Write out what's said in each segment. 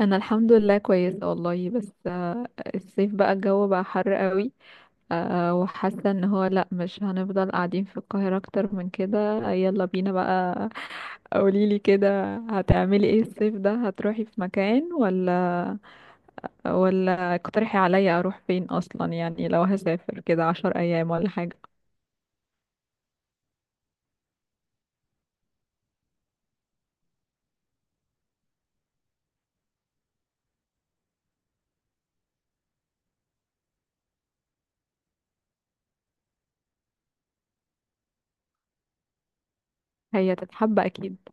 انا الحمد لله كويسه والله بس الصيف بقى الجو بقى حر قوي. وحاسه ان هو لا مش هنفضل قاعدين في القاهره اكتر من كده، يلا بينا بقى. قوليلي كده هتعملي ايه الصيف ده، هتروحي في مكان ولا اقترحي عليا اروح فين اصلا، يعني لو هسافر كده 10 ايام ولا حاجه. هي تتحب اكيد.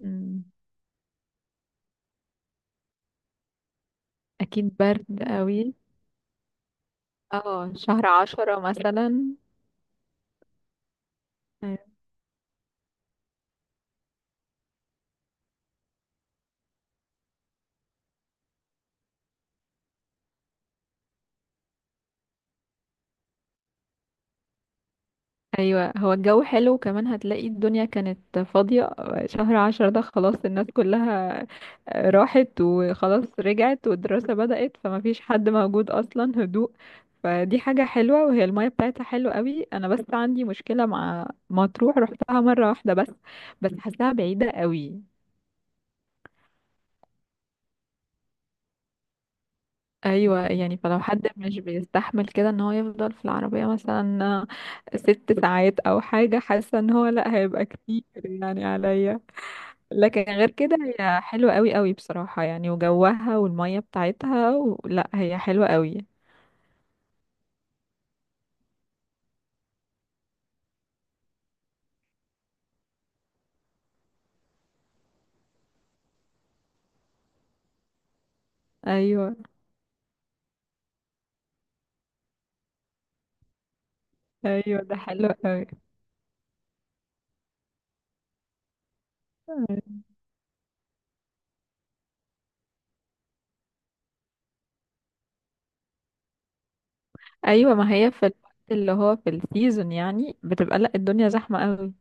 مم. اكيد برد قوي. اه، شهر 10 مثلا. ايوه هو الجو حلو، وكمان هتلاقي الدنيا كانت فاضية. شهر 10 ده خلاص الناس كلها راحت وخلاص رجعت والدراسة بدأت، فمفيش حد موجود اصلا، هدوء. فدي حاجة حلوة، وهي المية بتاعتها حلوة قوي. انا بس عندي مشكلة مع مطروح، رحتها مرة واحدة بس. بس حاساها بعيدة قوي. ايوه، يعني فلو حد مش بيستحمل كده ان هو يفضل في العربية مثلا 6 ساعات او حاجة، حاسة ان هو لا هيبقى كتير يعني عليا. لكن غير كده هي حلوة قوي قوي بصراحة، يعني وجوها والمية بتاعتها لا هي حلوة قوي. ايوه. ايوه ده حلو قوي. ايوه ما هي في الوقت اللي هو في السيزون يعني بتبقى لا الدنيا زحمة قوي.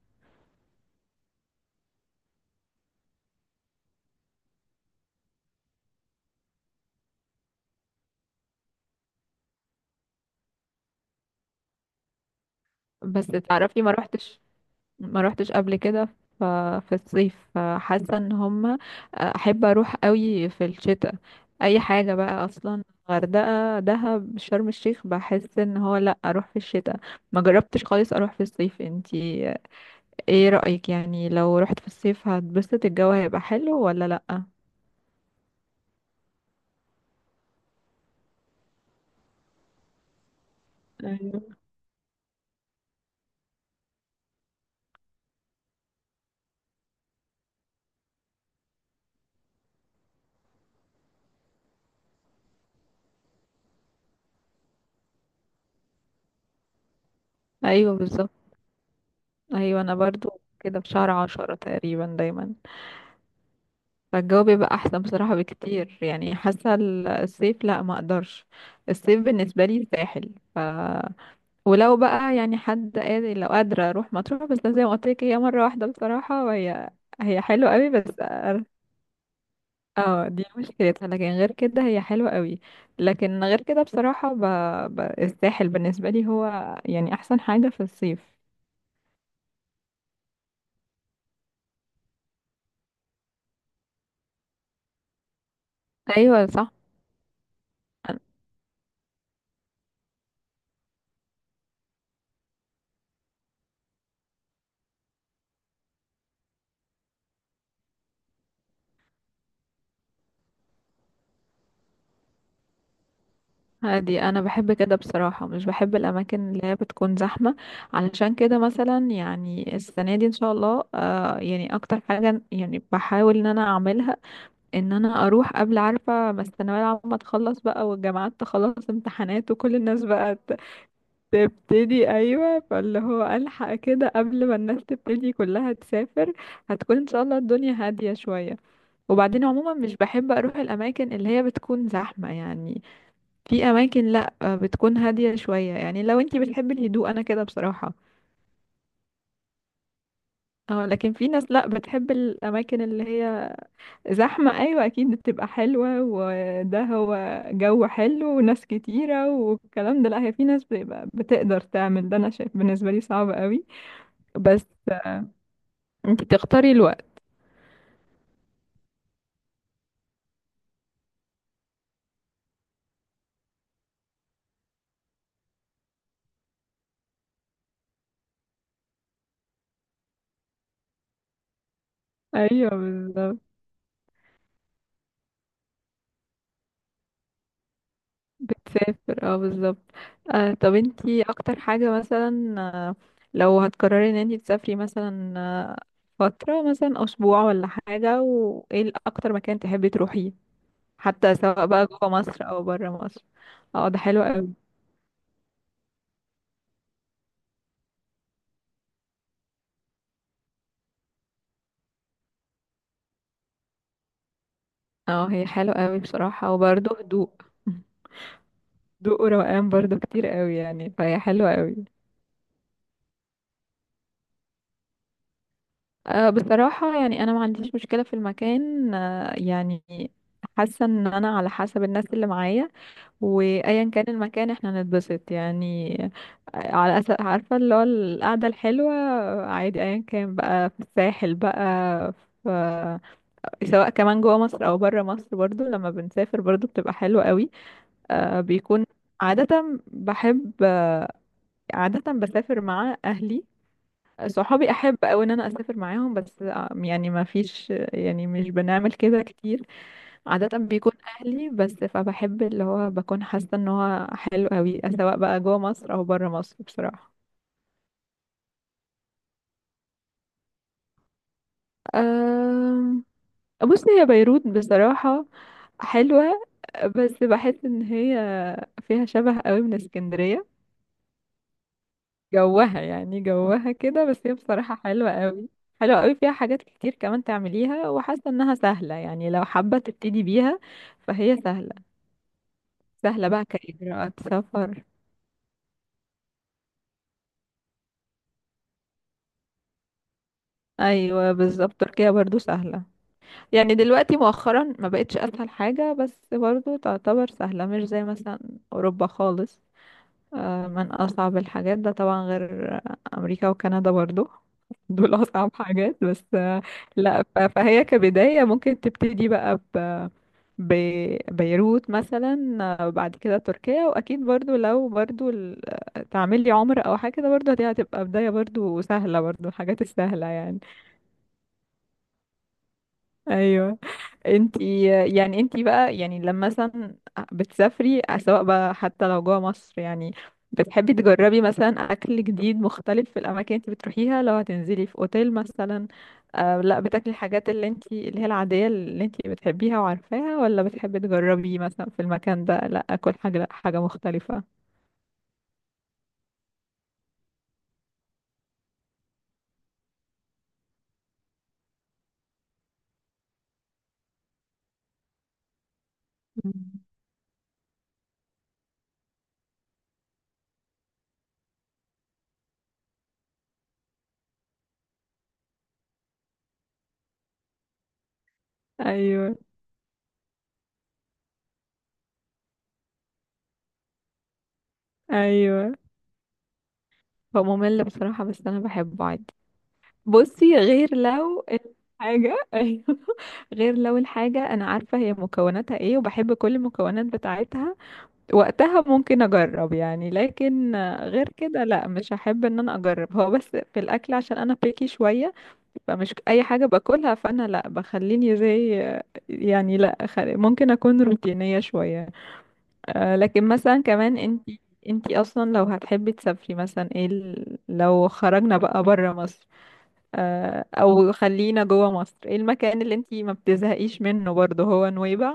بس تعرفي ما روحتش قبل كده. ف- في الصيف، فحاسه ان هما احب اروح قوي في الشتاء اي حاجه بقى اصلا. غردقه، دهب، شرم الشيخ، بحس ان هو لا اروح في الشتاء. ما جربتش خالص اروح في الصيف. انتي ايه رايك، يعني لو رحت في الصيف هتبسط، الجو هيبقى حلو ولا لا؟ أيوة. ايوه بالظبط. ايوه انا برضو كده، في شهر 10 تقريبا دايما. فالجو بيبقى احسن بصراحة بكتير، يعني حاسة الصيف لا ما اقدرش. الصيف بالنسبة لي الساحل ولو بقى يعني حد قادر، لو قادرة اروح مطروح، بس زي ما قلت لك هي مرة واحدة بصراحة، وهي هي حلوة قوي بس اه دي مشكلتها، لكن غير كده هي حلوة قوي. لكن غير كده بصراحة الساحل بالنسبة لي هو يعني احسن حاجة في الصيف. ايوه صح. هادي، انا بحب كده بصراحه، مش بحب الاماكن اللي هي بتكون زحمه. علشان كده مثلا يعني السنه دي ان شاء الله، يعني اكتر حاجه يعني بحاول ان انا اعملها ان انا اروح قبل، عارفه ما الثانويه العامه تخلص بقى والجامعات تخلص امتحانات وكل الناس بقى تبتدي، ايوه، فاللي هو الحق كده قبل ما الناس تبتدي كلها تسافر. هتكون ان شاء الله الدنيا هاديه شويه. وبعدين عموما مش بحب اروح الاماكن اللي هي بتكون زحمه يعني. في اماكن لا بتكون هاديه شويه، يعني لو انتي بتحبي الهدوء انا كده بصراحه. اه لكن في ناس لا بتحب الاماكن اللي هي زحمه، ايوه اكيد بتبقى حلوه، وده هو جو حلو وناس كتيره والكلام ده، لا هي في ناس بتبقى بتقدر تعمل ده، انا شايف بالنسبه لي صعب قوي. بس انتي تختاري الوقت. ايوه بالظبط. بتسافر اه بالظبط. طب انتي اكتر حاجة مثلا، لو هتقرري ان انتي تسافري مثلا فترة مثلا اسبوع ولا حاجة، وايه اكتر مكان تحبي تروحيه، حتى سواء بقى جوه مصر او بره مصر؟ اه ده حلو قوي. اه هي حلو قوي بصراحة، وبرضه هدوء. هدوء وروقان برضه كتير قوي يعني، فهي حلوة قوي. بصراحة يعني انا ما عنديش مشكلة في المكان، يعني حاسة ان انا على حسب الناس اللي معايا، وايا كان المكان احنا نتبسط يعني. على أساس عارفة اللي هو القعدة الحلوة، عادي ايا كان بقى، في الساحل بقى، في سواء كمان جوه مصر او بره مصر، برضو لما بنسافر برضو بتبقى حلوة قوي. آه، بيكون عادة بحب آه، عادة بسافر مع اهلي. صحابي احب قوي ان انا اسافر معاهم، بس يعني ما فيش، يعني مش بنعمل كده كتير. عادة بيكون أهلي بس، فبحب اللي هو بكون حاسة ان هو حلو قوي، سواء بقى جوه مصر أو بره مصر بصراحة. أم... بصي هي بيروت بصراحة حلوة، بس بحس ان هي فيها شبه قوي من اسكندرية، جوها يعني جوها كده، بس هي بصراحة حلوة قوي. حلوة قوي فيها حاجات كتير كمان تعمليها، وحاسة انها سهلة، يعني لو حابة تبتدي بيها فهي سهلة. سهلة بقى كإجراءات سفر. أيوة بالظبط، تركيا برضو سهلة. يعني دلوقتي مؤخرا ما بقتش اسهل حاجة، بس برضو تعتبر سهلة، مش زي مثلا اوروبا خالص، من اصعب الحاجات، ده طبعا غير امريكا وكندا برضو. دول اصعب حاجات، بس لا فهي كبداية ممكن تبتدي بقى بيروت مثلا، بعد كده تركيا، واكيد برضو لو برضو تعمل لي عمرة او حاجة كده برضو، دي هتبقى بداية برضو سهلة، برضو الحاجات السهلة يعني. ايوه انت، يعني انت بقى يعني لما مثلا بتسافري سواء بقى حتى لو جوه مصر يعني، بتحبي تجربي مثلا اكل جديد مختلف في الاماكن انت بتروحيها؟ لو هتنزلي في اوتيل مثلا، لا بتاكلي الحاجات اللي انت اللي هي العادية اللي انت بتحبيها وعارفاها، ولا بتحبي تجربي مثلا في المكان ده لا اكل حاجة، لا حاجة مختلفة؟ مم. ايوه. ايوه هو ممل بصراحة، بس انا بحبه عادي. بصي غير لو الحاجة، أيوه، غير لو الحاجة أنا عارفة هي مكوناتها إيه وبحب كل المكونات بتاعتها، وقتها ممكن أجرب يعني. لكن غير كده لا مش هحب إن أنا أجرب، هو بس في الأكل عشان أنا بيكي شوية، فمش أي حاجة باكلها، فأنا لا بخليني زي، يعني لا ممكن أكون روتينية شوية. لكن مثلا كمان أنتي أصلا لو هتحبي تسافري مثلا إيه لو خرجنا بقى برا مصر، او خلينا جوه مصر، ايه المكان اللي انتي ما بتزهقيش منه برضه، هو نويبع؟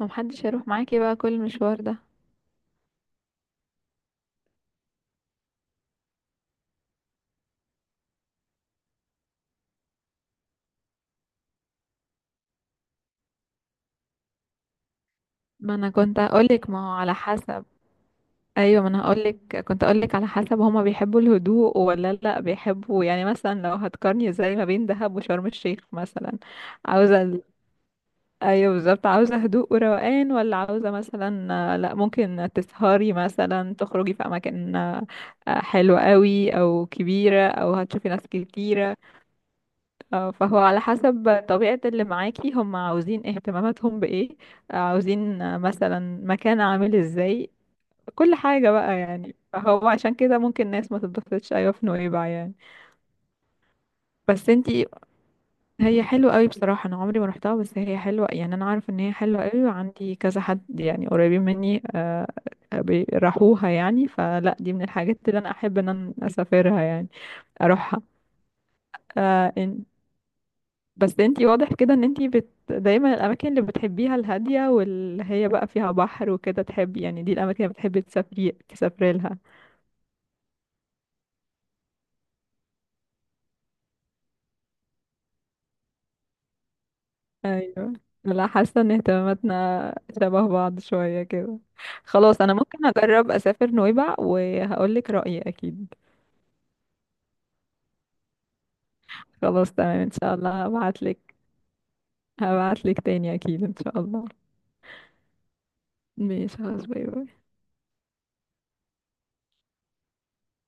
ما محدش هيروح معاكي بقى كل المشوار ده. ما انا كنت هقولك ما هو على حسب. ايوه ما انا هقولك، كنت هقولك على حسب هما بيحبوا الهدوء ولا لا بيحبوا، يعني مثلا لو هتقارني زي ما بين دهب وشرم الشيخ مثلا، عاوزه ايوه بالظبط، عاوزه هدوء وروقان، ولا عاوزه مثلا لا ممكن تسهري مثلا تخرجي في اماكن حلوه قوي او كبيره او هتشوفي ناس كتيره؟ اه فهو على حسب طبيعة اللي معاكي، هم عاوزين اهتماماتهم بإيه، عاوزين مثلا مكان عامل ازاي، كل حاجة بقى يعني، فهو عشان كده ممكن ناس ما تتبسطش أيوة في نويبع يعني. بس انتي، هي حلوة قوي بصراحة، أنا عمري ما روحتها، بس هي حلوة يعني، أنا عارفة إن هي حلوة قوي، وعندي كذا حد يعني قريبين مني، راحوها يعني، فلا دي من الحاجات اللي أنا أحب إن أنا أسافرها يعني أروحها. بس انتي واضح كده ان انتي دايما الاماكن اللي بتحبيها الهاديه، واللي هي بقى فيها بحر وكده تحبي يعني، دي الاماكن اللي بتحبي تسافري لها. ايوه، لا حاسه ان اهتماماتنا شبه بعض شويه كده. خلاص انا ممكن اجرب اسافر نويبع وهقول لك رايي اكيد. خلاص تمام ان شاء الله هبعت لك. هبعت لك تاني اكيد ان شاء الله. ماشي خلاص، باي باي.